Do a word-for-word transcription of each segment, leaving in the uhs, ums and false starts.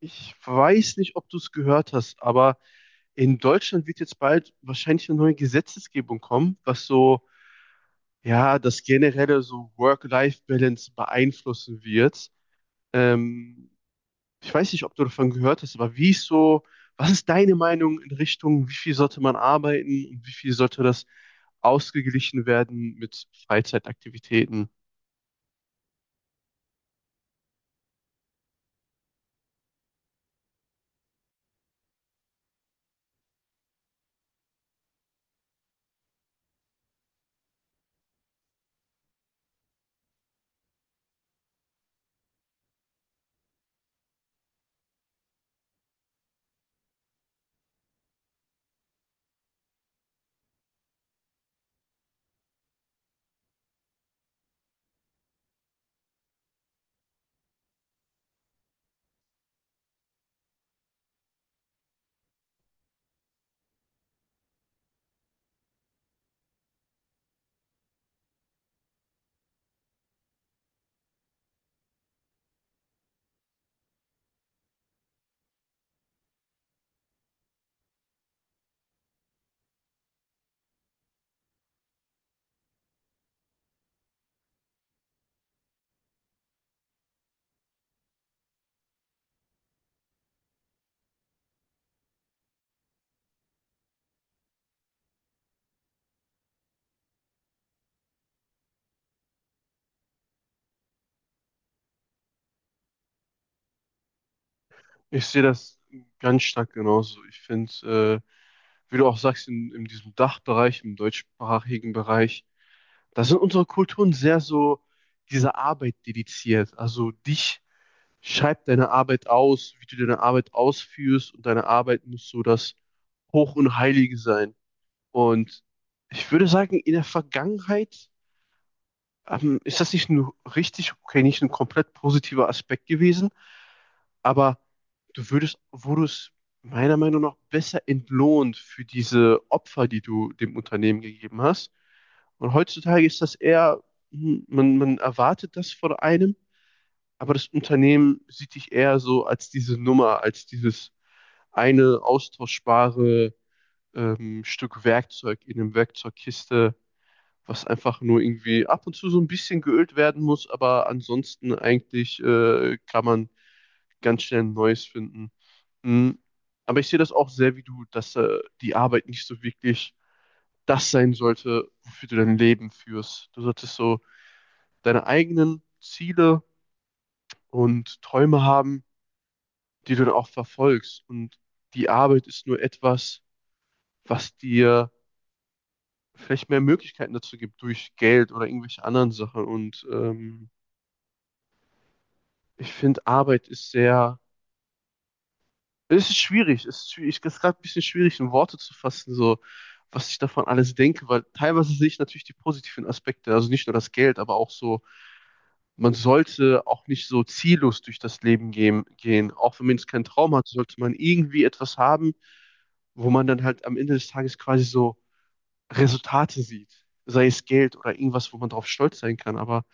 Ich weiß nicht, ob du es gehört hast, aber in Deutschland wird jetzt bald wahrscheinlich eine neue Gesetzesgebung kommen, was so, ja, das generelle so Work-Life-Balance beeinflussen wird. Ähm, Ich weiß nicht, ob du davon gehört hast, aber wie ist so, was ist deine Meinung in Richtung, wie viel sollte man arbeiten und wie viel sollte das ausgeglichen werden mit Freizeitaktivitäten? Ich sehe das ganz stark genauso. Ich finde, äh, wie du auch sagst, in, in diesem Dachbereich, im deutschsprachigen Bereich, da sind unsere Kulturen sehr so dieser Arbeit dediziert. Also dich schreibt deine Arbeit aus, wie du deine Arbeit ausführst und deine Arbeit muss so das Hoch und Heilige sein. Und ich würde sagen, in der Vergangenheit ähm, ist das nicht nur richtig, okay, nicht ein komplett positiver Aspekt gewesen, aber du würdest, wurdest meiner Meinung nach besser entlohnt für diese Opfer, die du dem Unternehmen gegeben hast. Und heutzutage ist das eher, hm, man, man erwartet das von einem, aber das Unternehmen sieht dich eher so als diese Nummer, als dieses eine austauschbare ähm, Stück Werkzeug in einem Werkzeugkiste, was einfach nur irgendwie ab und zu so ein bisschen geölt werden muss, aber ansonsten eigentlich äh, kann man ganz schnell ein neues finden. Mhm. Aber ich sehe das auch sehr wie du, dass äh, die Arbeit nicht so wirklich das sein sollte, wofür du dein Leben führst. Du solltest so deine eigenen Ziele und Träume haben, die du dann auch verfolgst. Und die Arbeit ist nur etwas, was dir vielleicht mehr Möglichkeiten dazu gibt durch Geld oder irgendwelche anderen Sachen. Und ähm, ich finde, Arbeit ist sehr, es ist schwierig, es ist schwierig, es ist gerade ein bisschen schwierig, in Worte zu fassen, so, was ich davon alles denke, weil teilweise sehe ich natürlich die positiven Aspekte, also nicht nur das Geld, aber auch so, man sollte auch nicht so ziellos durch das Leben gehen, gehen. Auch wenn man jetzt keinen Traum hat, sollte man irgendwie etwas haben, wo man dann halt am Ende des Tages quasi so Resultate sieht. Sei es Geld oder irgendwas, wo man drauf stolz sein kann. Aber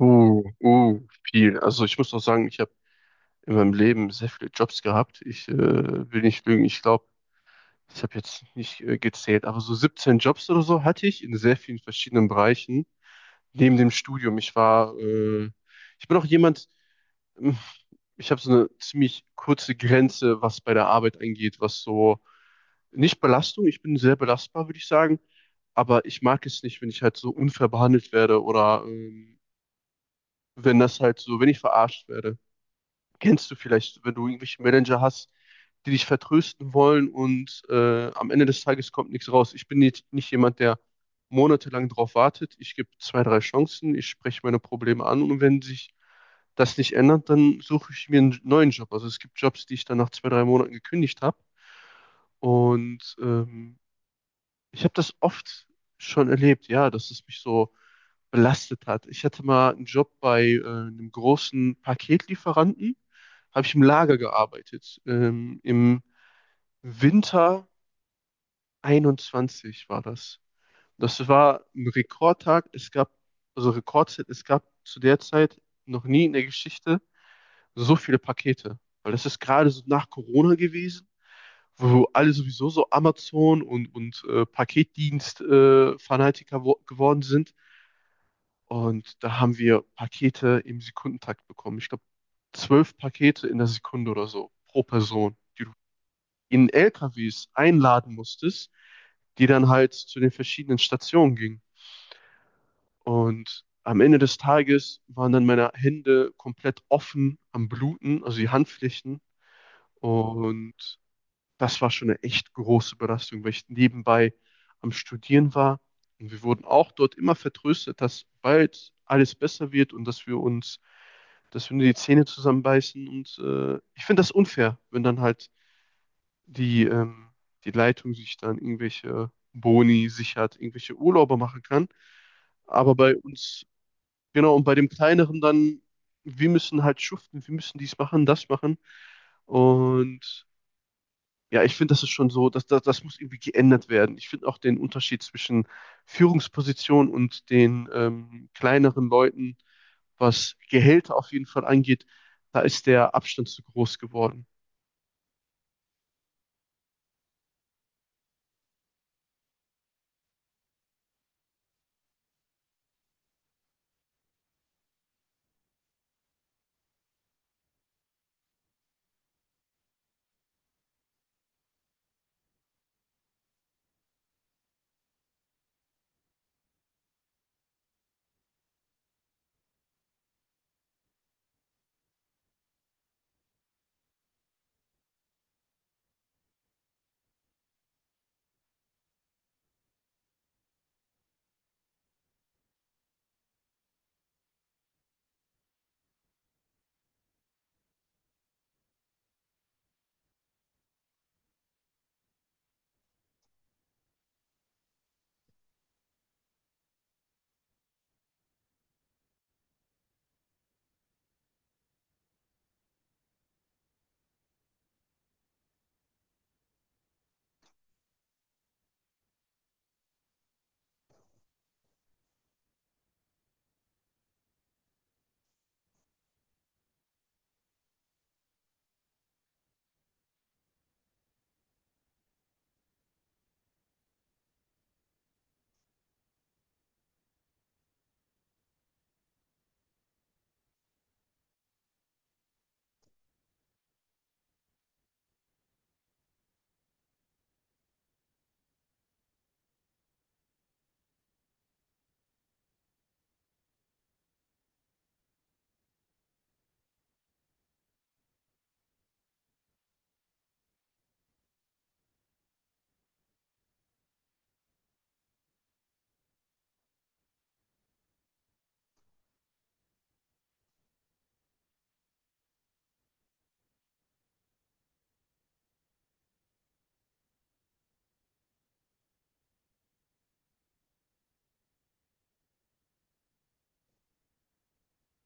uh, uh, viel. Also ich muss auch sagen, ich habe in meinem Leben sehr viele Jobs gehabt. Ich äh, will nicht lügen, ich glaube, ich habe jetzt nicht äh, gezählt, aber so siebzehn Jobs oder so hatte ich in sehr vielen verschiedenen Bereichen neben dem Studium. Ich war, äh, ich bin auch jemand, ähm, ich habe so eine ziemlich kurze Grenze, was bei der Arbeit angeht, was so nicht Belastung, ich bin sehr belastbar, würde ich sagen, aber ich mag es nicht, wenn ich halt so unfair behandelt werde oder ähm, wenn das halt so, wenn ich verarscht werde. Kennst du vielleicht, wenn du irgendwelche Manager hast, die dich vertrösten wollen und äh, am Ende des Tages kommt nichts raus. Ich bin nicht, nicht jemand, der monatelang darauf wartet. Ich gebe zwei, drei Chancen, ich spreche meine Probleme an und wenn sich das nicht ändert, dann suche ich mir einen neuen Job. Also es gibt Jobs, die ich dann nach zwei, drei Monaten gekündigt habe. Und ähm, ich habe das oft schon erlebt, ja, dass es mich so belastet hat. Ich hatte mal einen Job bei äh, einem großen Paketlieferanten, habe ich im Lager gearbeitet. Ähm, Im Winter einundzwanzig war das. Das war ein Rekordtag. Es gab, also Rekordzeit, es gab zu der Zeit noch nie in der Geschichte so viele Pakete. Weil das ist gerade so nach Corona gewesen, wo alle sowieso so Amazon und, und äh, Paketdienst-Fanatiker wo- geworden sind. Und da haben wir Pakete im Sekundentakt bekommen. Ich glaube, zwölf Pakete in der Sekunde oder so pro Person, die du in L K Ws einladen musstest, die dann halt zu den verschiedenen Stationen gingen. Und am Ende des Tages waren dann meine Hände komplett offen am Bluten, also die Handflächen. Und das war schon eine echt große Belastung, weil ich nebenbei am Studieren war. Und wir wurden auch dort immer vertröstet, dass bald alles besser wird und dass wir uns, dass wir nur die Zähne zusammenbeißen. Und äh, ich finde das unfair, wenn dann halt die, ähm, die Leitung sich dann irgendwelche Boni sichert, irgendwelche Urlaube machen kann. Aber bei uns, genau, und bei dem Kleineren dann, wir müssen halt schuften, wir müssen dies machen, das machen. Und ja, ich finde, das ist schon so, dass, das, das muss irgendwie geändert werden. Ich finde auch den Unterschied zwischen Führungsposition und den ähm, kleineren Leuten, was Gehälter auf jeden Fall angeht, da ist der Abstand zu groß geworden.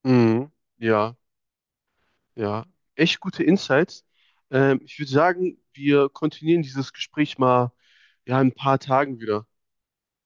Mhm. Ja, ja. Echt gute Insights. Ähm, ich würde sagen, wir kontinuieren dieses Gespräch mal ja, in ein paar Tagen wieder.